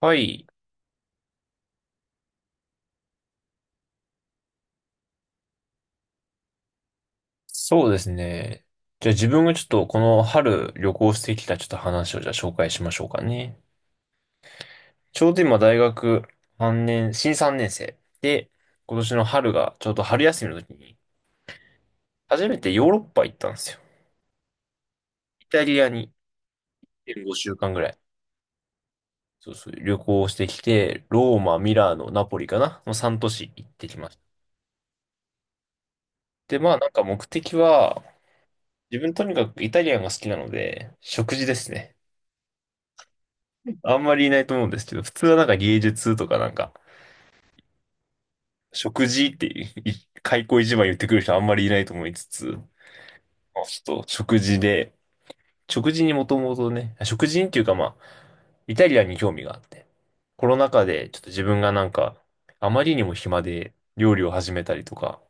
はい。そうですね。じゃあ自分がちょっとこの春旅行してきたちょっと話をじゃあ紹介しましょうかね。ちょうど今大学3年、新3年生で、今年の春がちょうど春休みの時に初めてヨーロッパ行ったんですよ。イタリアに5週間ぐらい。そうそう、旅行してきて、ローマ、ミラーノ、ナポリかなの3都市行ってきました。で、まあなんか目的は、自分とにかくイタリアンが好きなので、食事ですね。あんまりいないと思うんですけど、普通はなんか芸術とかなんか、食事っていう、開口一番言ってくる人あんまりいないと思いつつ、まあちょっと食事で、食事にもともとね、食事っていうかまあ、イタリアンに興味があって、コロナ禍でちょっと自分がなんか、あまりにも暇で料理を始めたりとか、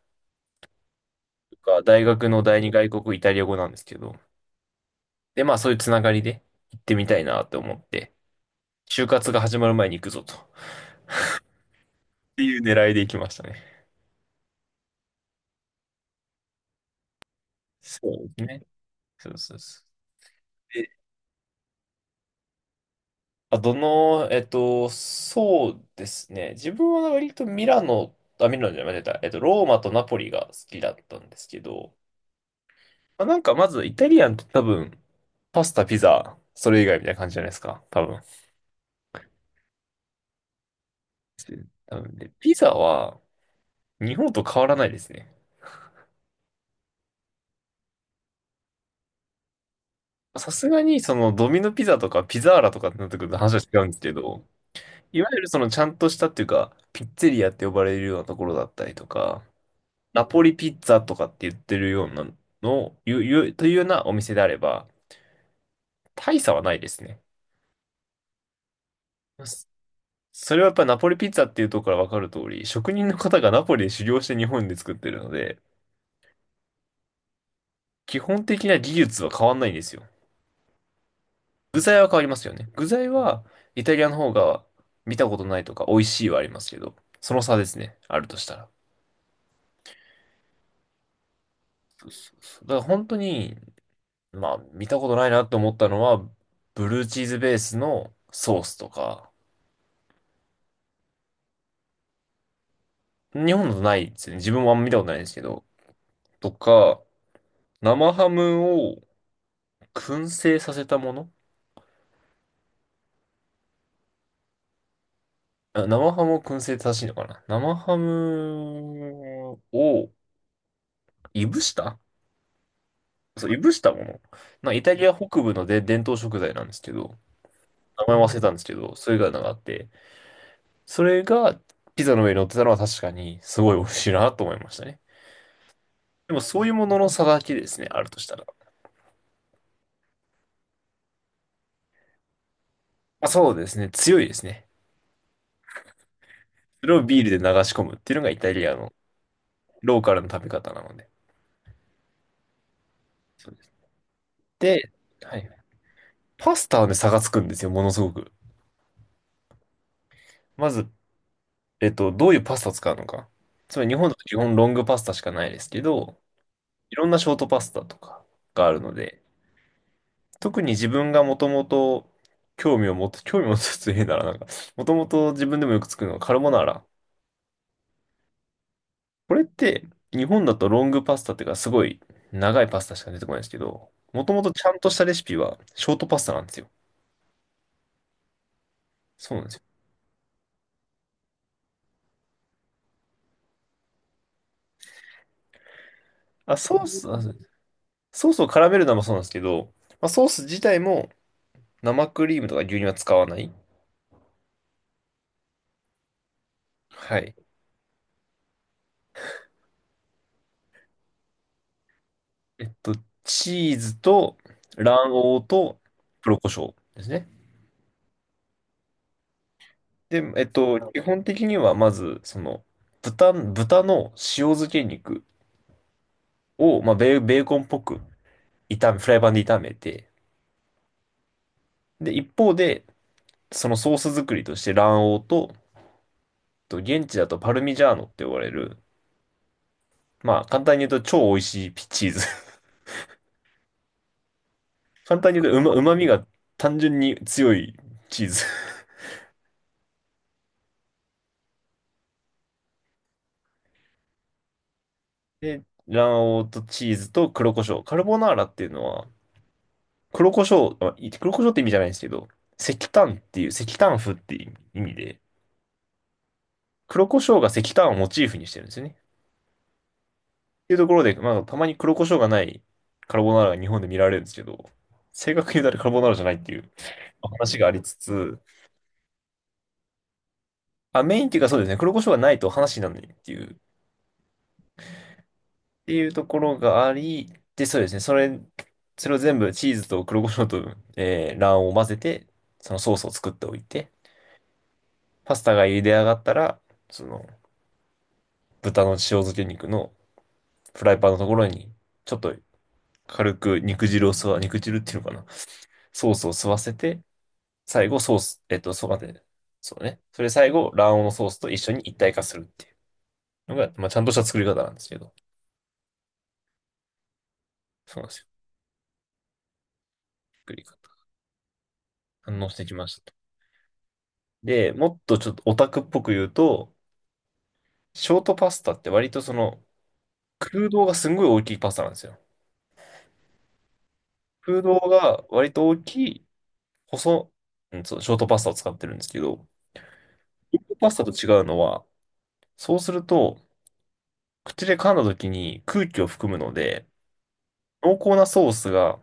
が大学の第二外国イタリア語なんですけど、でまあそういうつながりで行ってみたいなと思って、就活が始まる前に行くぞと、っていう狙いで行きましたね。そうですね。そうそうそう。で、あ、どの、えっと、そうですね。自分は割とミラノ、あ、ミラノじゃない、間違えた。ローマとナポリが好きだったんですけど、まあ、なんかまずイタリアンって多分、パスタ、ピザ、それ以外みたいな感じじゃないですか。多分。多分で、ピザは日本と変わらないですね。さすがにそのドミノピザとかピザーラとかってなってくると話は違うんですけど、いわゆるそのちゃんとしたっていうか、ピッツェリアって呼ばれるようなところだったりとか、ナポリピッツァとかって言ってるようなのを、いう、いう、というようなお店であれば、大差はないですね。そそれはやっぱりナポリピッツァっていうところからわかる通り、職人の方がナポリで修行して日本で作ってるので、基本的な技術は変わんないんですよ。具材は変わりますよね。具材は、イタリアの方が見たことないとか美味しいはありますけど、その差ですね、あるとしたら。そうそうそう、だから本当に、まあ、見たことないなと思ったのは、ブルーチーズベースのソースとか、日本だとないですね。自分もあんま見たことないですけど。とか、生ハムを燻製させたもの、あ、生ハムを燻製って正しいのかな、生ハムをいぶした、そう、いぶしたもの。なんかイタリア北部ので伝統食材なんですけど、名前忘れたんですけど、それがなんかあって、それがピザの上に乗ってたのは確かにすごい美味しいなと思いましたね。でもそういうものの差だけですね、あるとしたら。まあ、そうですね、強いですね。それをビールで流し込むっていうのがイタリアのローカルの食べ方なので。そうです。で、はい。パスタはね、差がつくんですよ、ものすごく。まず、どういうパスタを使うのか。つまり日本だと基本ロングパスタしかないですけど、いろんなショートパスタとかがあるので、特に自分がもともと興味を持って、興味を持つ、つ変だな、なんか、もともと自分でもよく作るのがカルボナーラ。これって、日本だとロングパスタっていうか、すごい長いパスタしか出てこないんですけど、もともとちゃんとしたレシピはショートパスタなんですよ。そうなんですよ。あ、ソースを絡めるのもそうなんですけど、まあ、ソース自体も生クリームとか牛乳は使わない。はい。えっと、チーズと卵黄と黒胡椒ですね。で、基本的にはまず、その、豚の塩漬け肉を、まあ、ベーコンっぽく炒め、フライパンで炒めて、で、一方で、そのソース作りとして卵黄と、現地だとパルミジャーノって呼ばれる、まあ、簡単に言うと超美味しいチーズ、簡単に言うと、旨味が単純に強いチーズ。で、卵黄とチーズと黒胡椒。カルボナーラっていうのは、黒胡椒、あ、黒胡椒って意味じゃないんですけど、石炭っていう、石炭風っていう意味で、黒胡椒が石炭をモチーフにしてるんですよね。っていうところで、まあ、たまに黒胡椒がないカルボナーラが日本で見られるんですけど、正確に言うとあれカルボナーラじゃないっていう話がありつつ、あ、メインっていうかそうですね、黒胡椒がないと話にならないっていうところがあり、で、そうですね。それを全部チーズと黒胡椒と、卵黄を混ぜて、そのソースを作っておいて、パスタが茹で上がったら、その豚の塩漬け肉のフライパンのところに、ちょっと軽く肉汁を吸わ、肉汁っていうのかな。ソースを吸わせて、最後ソース、そう、待って、そうね。それ最後、卵黄のソースと一緒に一体化するっていうのが、まあ、ちゃんとした作り方なんですけど、そうなんですよ。作り方。反応してきましたと。で、もっとちょっとオタクっぽく言うと、ショートパスタって割とその空洞がすんごい大きいパスタなんですよ。空洞が割と大きい細、うん、そう、ショートパスタを使ってるんですけど、ショートパスタと違うのは、そうすると口で噛んだ時に空気を含むので、濃厚なソースが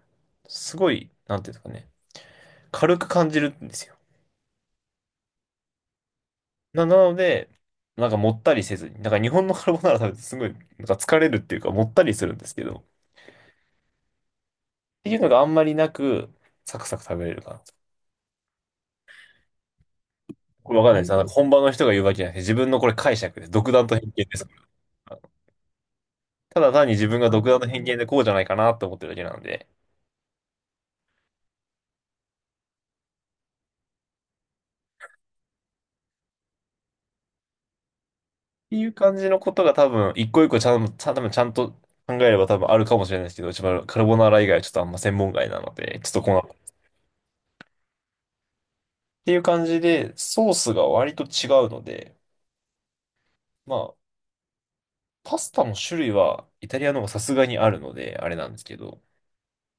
すごい、なんていうんですかね、軽く感じるんですよ。なので、なんかもったりせずに、なんか日本のカルボナーラ食べてすごいなんか疲れるっていうかもったりするんですけど、っていうのがあんまりなく、サクサク食べれるかな。これわかんないです。あの、本場の人が言うわけじゃなくて、自分のこれ解釈です。独断と偏見ですから。ただ単に自分が独断と偏見でこうじゃないかなと思ってるだけなんで、っていう感じのことが多分、一個一個ちゃん、ちゃん、多分ちゃんと考えれば多分あるかもしれないですけど、一番カルボナーラ以外はちょっとあんま専門外なので、ちょっとこの、っていう感じで、ソースが割と違うので、まあ、パスタの種類はイタリアの方がさすがにあるので、あれなんですけど、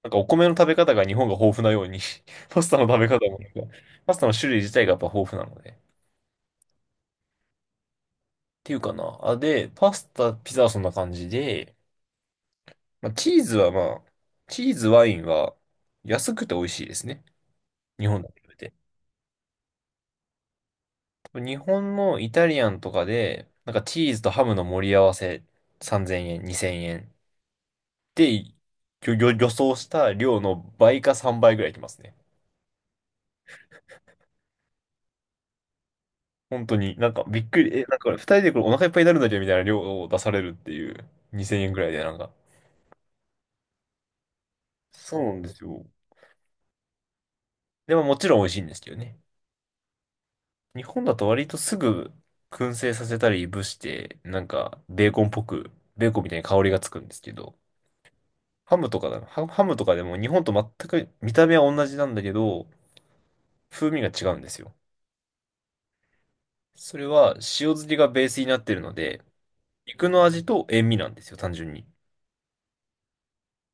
なんかお米の食べ方が日本が豊富なように パスタの食べ方もなんか、パスタの種類自体がやっぱ豊富なので、ていうかな。あ、で、パスタ、ピザはそんな感じで、まあ、チーズはまあ、チーズ、ワインは安くて美味しいですね。日本と比べて。日本のイタリアンとかで、なんかチーズとハムの盛り合わせ3000円、2000円で、予想した量の倍か3倍ぐらいいきますね。本当に、なんかびっくり、え、なんか二人でこれお腹いっぱいになるんだけどみたいな量を出されるっていう2000円ぐらいでなんか。そうなんですよ。でももちろん美味しいんですけどね。日本だと割とすぐ燻製させたりいぶして、なんかベーコンっぽく、ベーコンみたいに香りがつくんですけど、ハムとかだな、ハムとかでも日本と全く見た目は同じなんだけど、風味が違うんですよ。それは塩漬けがベースになってるので、肉の味と塩味なんですよ、単純に。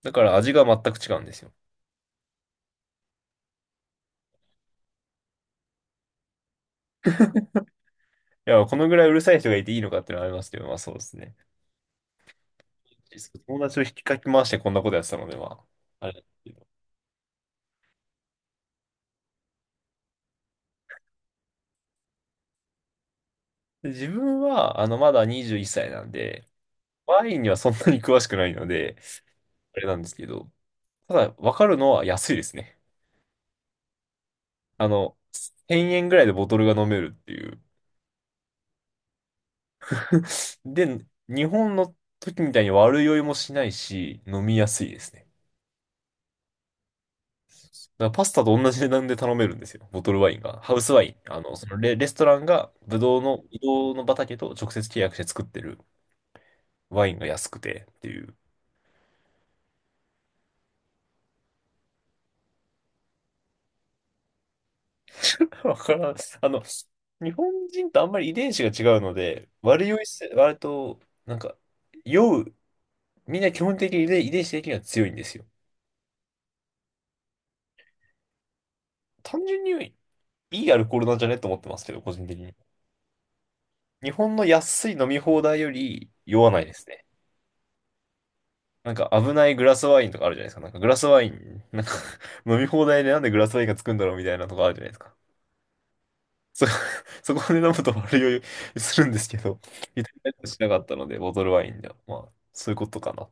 だから味が全く違うんですよ。いや、このぐらいうるさい人がいていいのかっていうのはありますけど、まあそうですね。友達を引きかき回してこんなことやってたので、まあ、あれですけど。で自分は、あの、まだ21歳なんで、ワインにはそんなに詳しくないので、あれなんですけど、ただ、わかるのは安いですね。あの、1000円ぐらいでボトルが飲めるっていう。で、日本の時みたいに悪酔いもしないし、飲みやすいですね。だからパスタと同じ値段で頼めるんですよ。ボトルワインが。ハウスワイン。あの、そのレストランがブドウの畑と直接契約して作ってるワインが安くてっていう。わからん。あの、日本人とあんまり遺伝子が違うので、悪酔いせ、割と、なんか、酔う、みんな基本的に遺伝子的には強いんですよ。単純にいいアルコールなんじゃねと思ってますけど、個人的に。日本の安い飲み放題より酔わないですね。なんか危ないグラスワインとかあるじゃないですか。なんかグラスワイン、なんか 飲み放題でなんでグラスワインがつくんだろうみたいなとこあるじゃないですか。そ、そこで飲むと悪酔いするんですけど、いたりとしなかったので、ボトルワインでは。まあ、そういうことかな。